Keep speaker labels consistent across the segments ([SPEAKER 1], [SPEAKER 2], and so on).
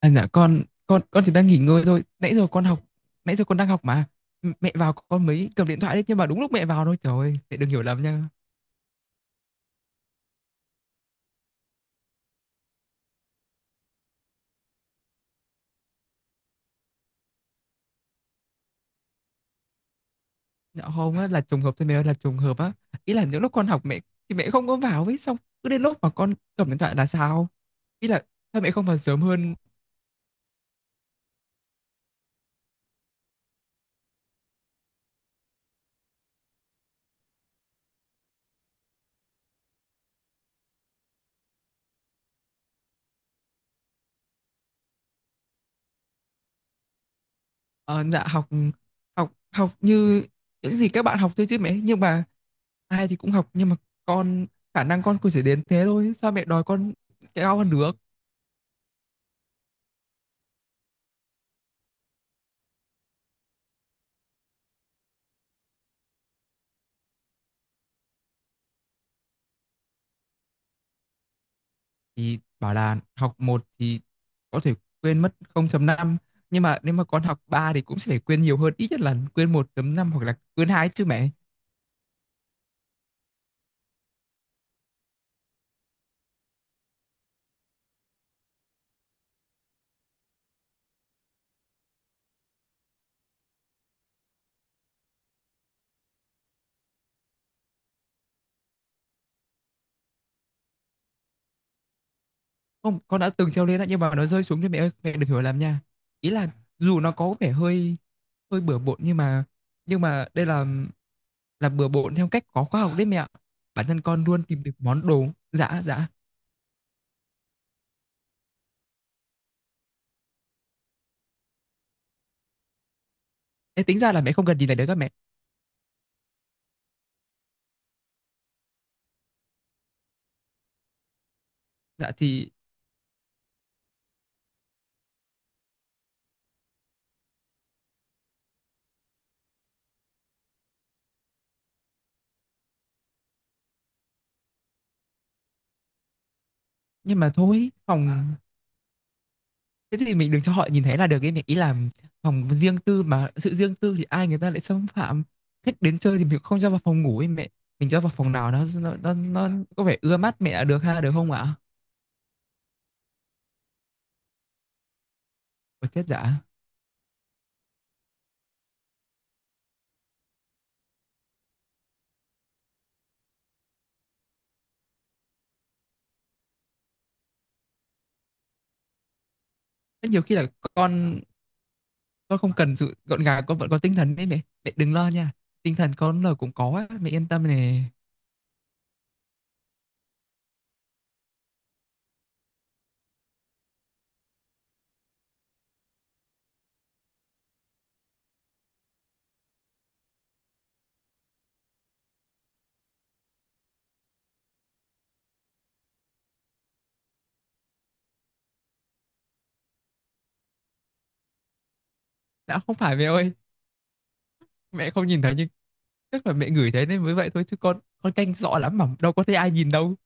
[SPEAKER 1] À, dạ con chỉ đang nghỉ ngơi thôi, nãy giờ con đang học mà. Mẹ vào con mới cầm điện thoại đấy, nhưng mà đúng lúc mẹ vào thôi. Trời ơi, mẹ đừng hiểu lầm nha. Dạ không á, là trùng hợp thôi mẹ ơi, là trùng hợp á. Ý là những lúc con học mẹ thì mẹ không có vào ấy, xong cứ đến lúc mà con cầm điện thoại là sao? Ý là sao mẹ không vào sớm hơn? Ờ, dạ học, học như những gì các bạn học thôi chứ mẹ, nhưng mà ai thì cũng học, nhưng mà con khả năng con cũng chỉ đến thế thôi, sao mẹ đòi con cao hơn được? Thì bảo là học một thì có thể quên mất 0.5, nhưng mà nếu mà con học 3 thì cũng sẽ phải quên nhiều hơn, ít nhất là quên 1.5 hoặc là quên hai chứ mẹ. Không, con đã từng treo lên đó nhưng mà nó rơi xuống cho. Mẹ ơi mẹ đừng hiểu lầm nha, ý là dù nó có vẻ hơi hơi bừa bộn, nhưng mà đây là bừa bộn theo cách có khoa học đấy mẹ ạ. Bản thân con luôn tìm được món đồ. Dạ, dạ. Ê, tính ra là mẹ không cần gì này đấy các mẹ. Dạ thì, nhưng mà thôi phòng. Thế thì mình đừng cho họ nhìn thấy là được ấy, mình, ý là phòng riêng tư mà, sự riêng tư thì ai người ta lại xâm phạm. Khách đến chơi thì mình không cho vào phòng ngủ ấy mẹ, mình cho vào phòng nào nó có vẻ ưa mắt mẹ là được, ha, được không ạ? Ôi chết dã. Rất nhiều khi là con con không cần sự gọn gàng, con vẫn có tinh thần đấy mẹ. Mẹ đừng lo nha, tinh thần con là cũng có á, mẹ yên tâm nè. Đã không phải mẹ ơi, mẹ không nhìn thấy nhưng chắc là mẹ ngửi thấy nên mới vậy thôi, chứ con canh rõ lắm mà đâu có thấy ai nhìn đâu.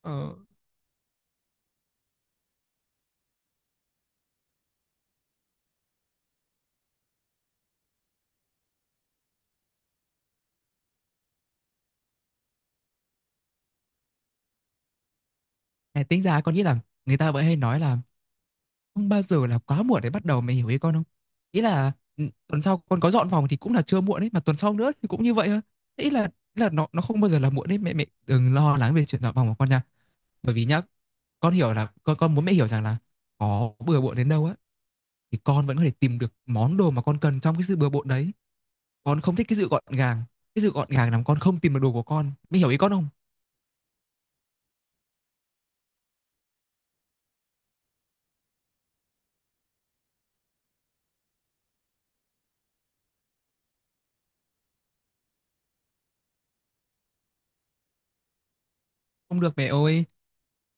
[SPEAKER 1] Ờ. À, tính ra con nghĩ là người ta vẫn hay nói là không bao giờ là quá muộn để bắt đầu, mày hiểu ý con không? Ý là, tuần sau con có dọn phòng thì cũng là chưa muộn đấy, mà tuần sau nữa thì cũng như vậy thôi. Ý là, nó không bao giờ là muộn đấy mẹ mẹ đừng lo lắng về chuyện dọn phòng của con nha. Bởi vì nhá, con hiểu là con muốn mẹ hiểu rằng là có bừa bộn đến đâu á thì con vẫn có thể tìm được món đồ mà con cần trong cái sự bừa bộn đấy. Con không thích cái sự gọn gàng, cái sự gọn gàng làm con không tìm được đồ của con, mẹ hiểu ý con không? Không được mẹ ơi.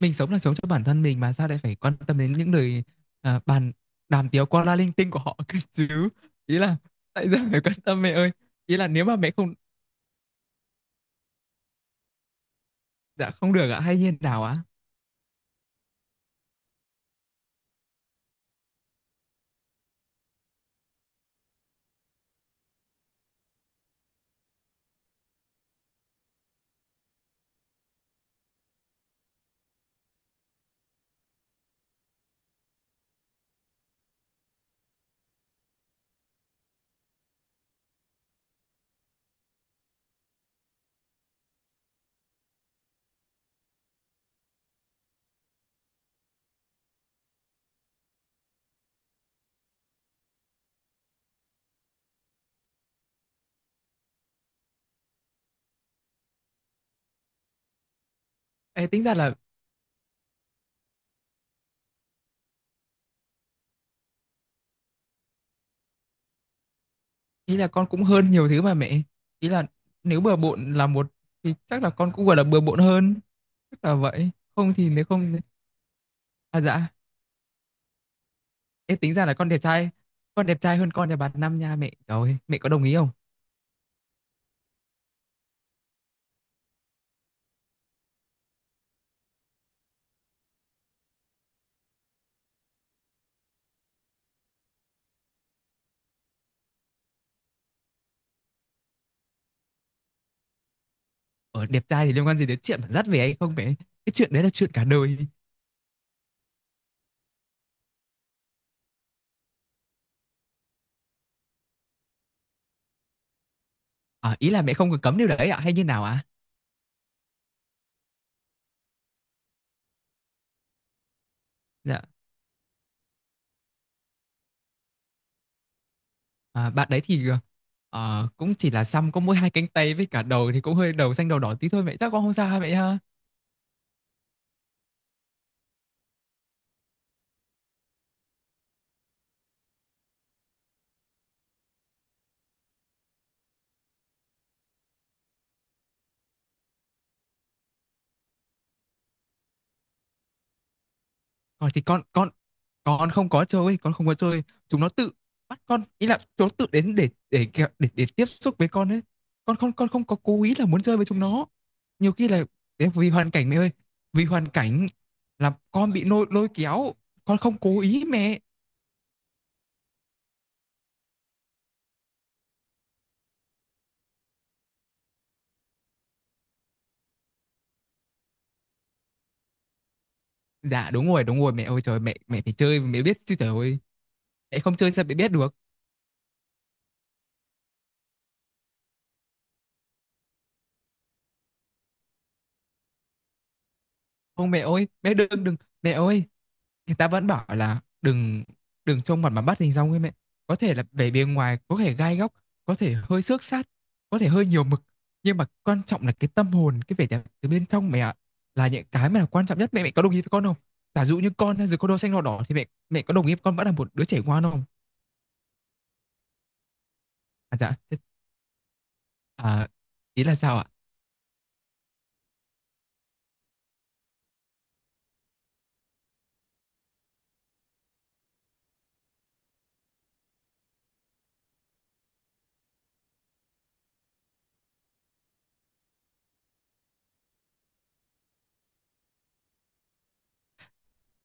[SPEAKER 1] Mình sống là sống cho bản thân mình mà sao lại phải quan tâm đến những lời, bàn đàm tiếu qua la linh tinh của họ cơ chứ? Ý là tại sao phải quan tâm mẹ ơi? Ý là nếu mà mẹ không, dạ không được ạ, hay như nào ạ? Ê, tính ra là, ý là con cũng hơn nhiều thứ mà mẹ. Ý là nếu bừa bộn là một thì chắc là con cũng, gọi là, bừa bộn hơn, chắc là vậy. Không thì nếu không, à, dạ, ê, tính ra là con đẹp trai hơn con nhà bà Năm nha mẹ. Rồi mẹ có đồng ý không? Ở đẹp trai thì liên quan gì đến chuyện mà dắt về hay không mẹ? Cái chuyện đấy là chuyện cả đời. À, ý là mẹ không có cấm điều đấy ạ, hay như nào ạ? Dạ, à, bạn đấy thì, cũng chỉ là xăm có mỗi hai cánh tay với cả đầu thì cũng hơi đầu xanh đầu đỏ tí thôi mẹ, chắc con không sao ha mẹ ha? Còn thì con không có chơi, con không có chơi, chúng nó tự bắt con, ý là chúng nó tự đến để kẹo để tiếp xúc với con ấy. Con không có cố ý là muốn chơi với chúng nó. Nhiều khi là đấy, vì hoàn cảnh mẹ ơi, vì hoàn cảnh là con bị lôi lôi kéo, con không cố ý mẹ. Dạ đúng rồi mẹ ơi, trời mẹ, mẹ phải chơi mẹ biết chứ trời ơi. Mẹ không chơi sao mẹ biết được? Không mẹ ơi, mẹ đừng đừng. Mẹ ơi, người ta vẫn bảo là đừng đừng trông mặt mà bắt hình dong ấy mẹ. Có thể là vẻ bề ngoài có thể gai góc, có thể hơi xước sát, có thể hơi nhiều mực, nhưng mà quan trọng là cái tâm hồn, cái vẻ đẹp từ bên trong mẹ ạ, là những cái mà là quan trọng nhất. Mẹ mẹ có đồng ý với con không? Giả dụ như con hay dù có đồ xanh đỏ đỏ thì mẹ mẹ có đồng ý với con vẫn là một đứa trẻ ngoan không? À, dạ, à, ý là sao ạ?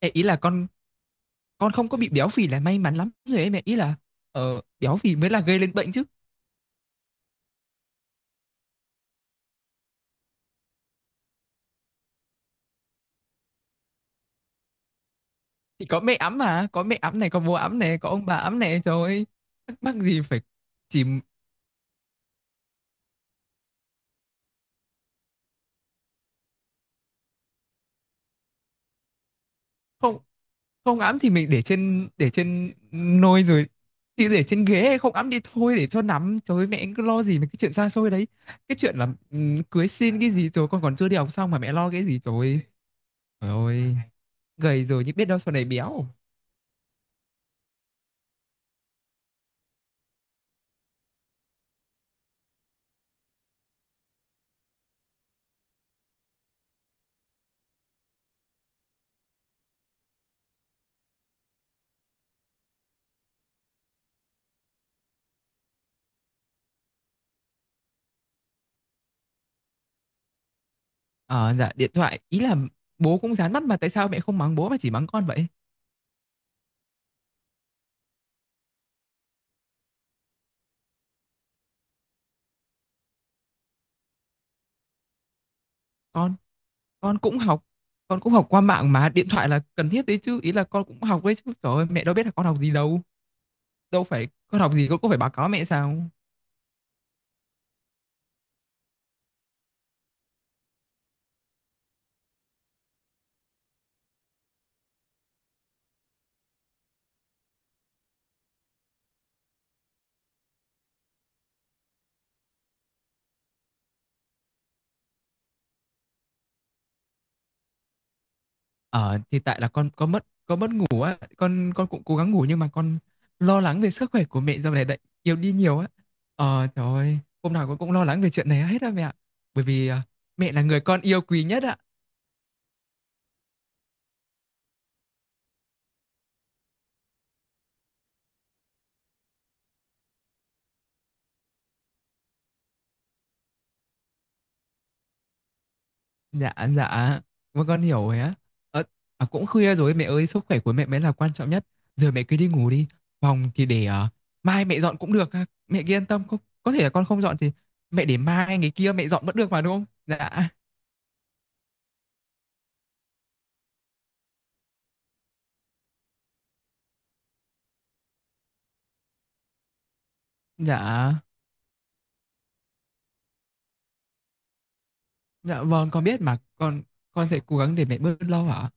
[SPEAKER 1] Ê, ý là con không có bị béo phì là may mắn lắm rồi ấy mẹ, ý là béo phì mới là gây lên bệnh chứ. Thì có mẹ ấm mà, có mẹ ấm này, có bố ấm này, có ông bà ấm này, trời ơi. Thắc mắc gì phải chỉ, không không ấm thì mình để trên, nôi rồi thì để trên ghế, không ấm đi thôi, để cho nằm. Trời ơi mẹ cứ lo gì mấy cái chuyện xa xôi đấy. Cái chuyện là cưới xin cái gì rồi, con còn chưa đi học xong mà mẹ lo cái gì trời ơi. Trời ơi, gầy rồi nhưng biết đâu sau này béo. Ờ, dạ điện thoại ý là bố cũng dán mắt mà, tại sao mẹ không mắng bố mà chỉ mắng con vậy? Con con cũng học, con cũng học qua mạng mà điện thoại là cần thiết đấy chứ, ý là con cũng học đấy chứ. Trời ơi, mẹ đâu biết là con học gì đâu. Đâu phải con học gì con cũng phải báo cáo mẹ sao? Ờ thì tại là con mất ngủ á, con cũng cố gắng ngủ nhưng mà con lo lắng về sức khỏe của mẹ dạo này lại yếu đi nhiều á. Ờ trời ơi, hôm nào con cũng lo lắng về chuyện này hết á mẹ ạ. Bởi vì mẹ là người con yêu quý nhất ạ. Dạ, dạ, con hiểu rồi á. Ờ, à, cũng khuya rồi mẹ ơi, sức khỏe của mẹ mới là quan trọng nhất. Giờ mẹ cứ đi ngủ đi. Phòng thì để mai mẹ dọn cũng được ha. Mẹ cứ yên tâm, có thể là con không dọn thì mẹ để mai ngày kia mẹ dọn vẫn được mà đúng không? Dạ, dạ, dạ vâng, con biết mà. Con sẽ cố gắng để mẹ bớt lâu hả?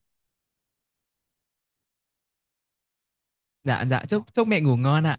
[SPEAKER 1] Dạ, dạ, chúc chúc mẹ ngủ ngon ạ.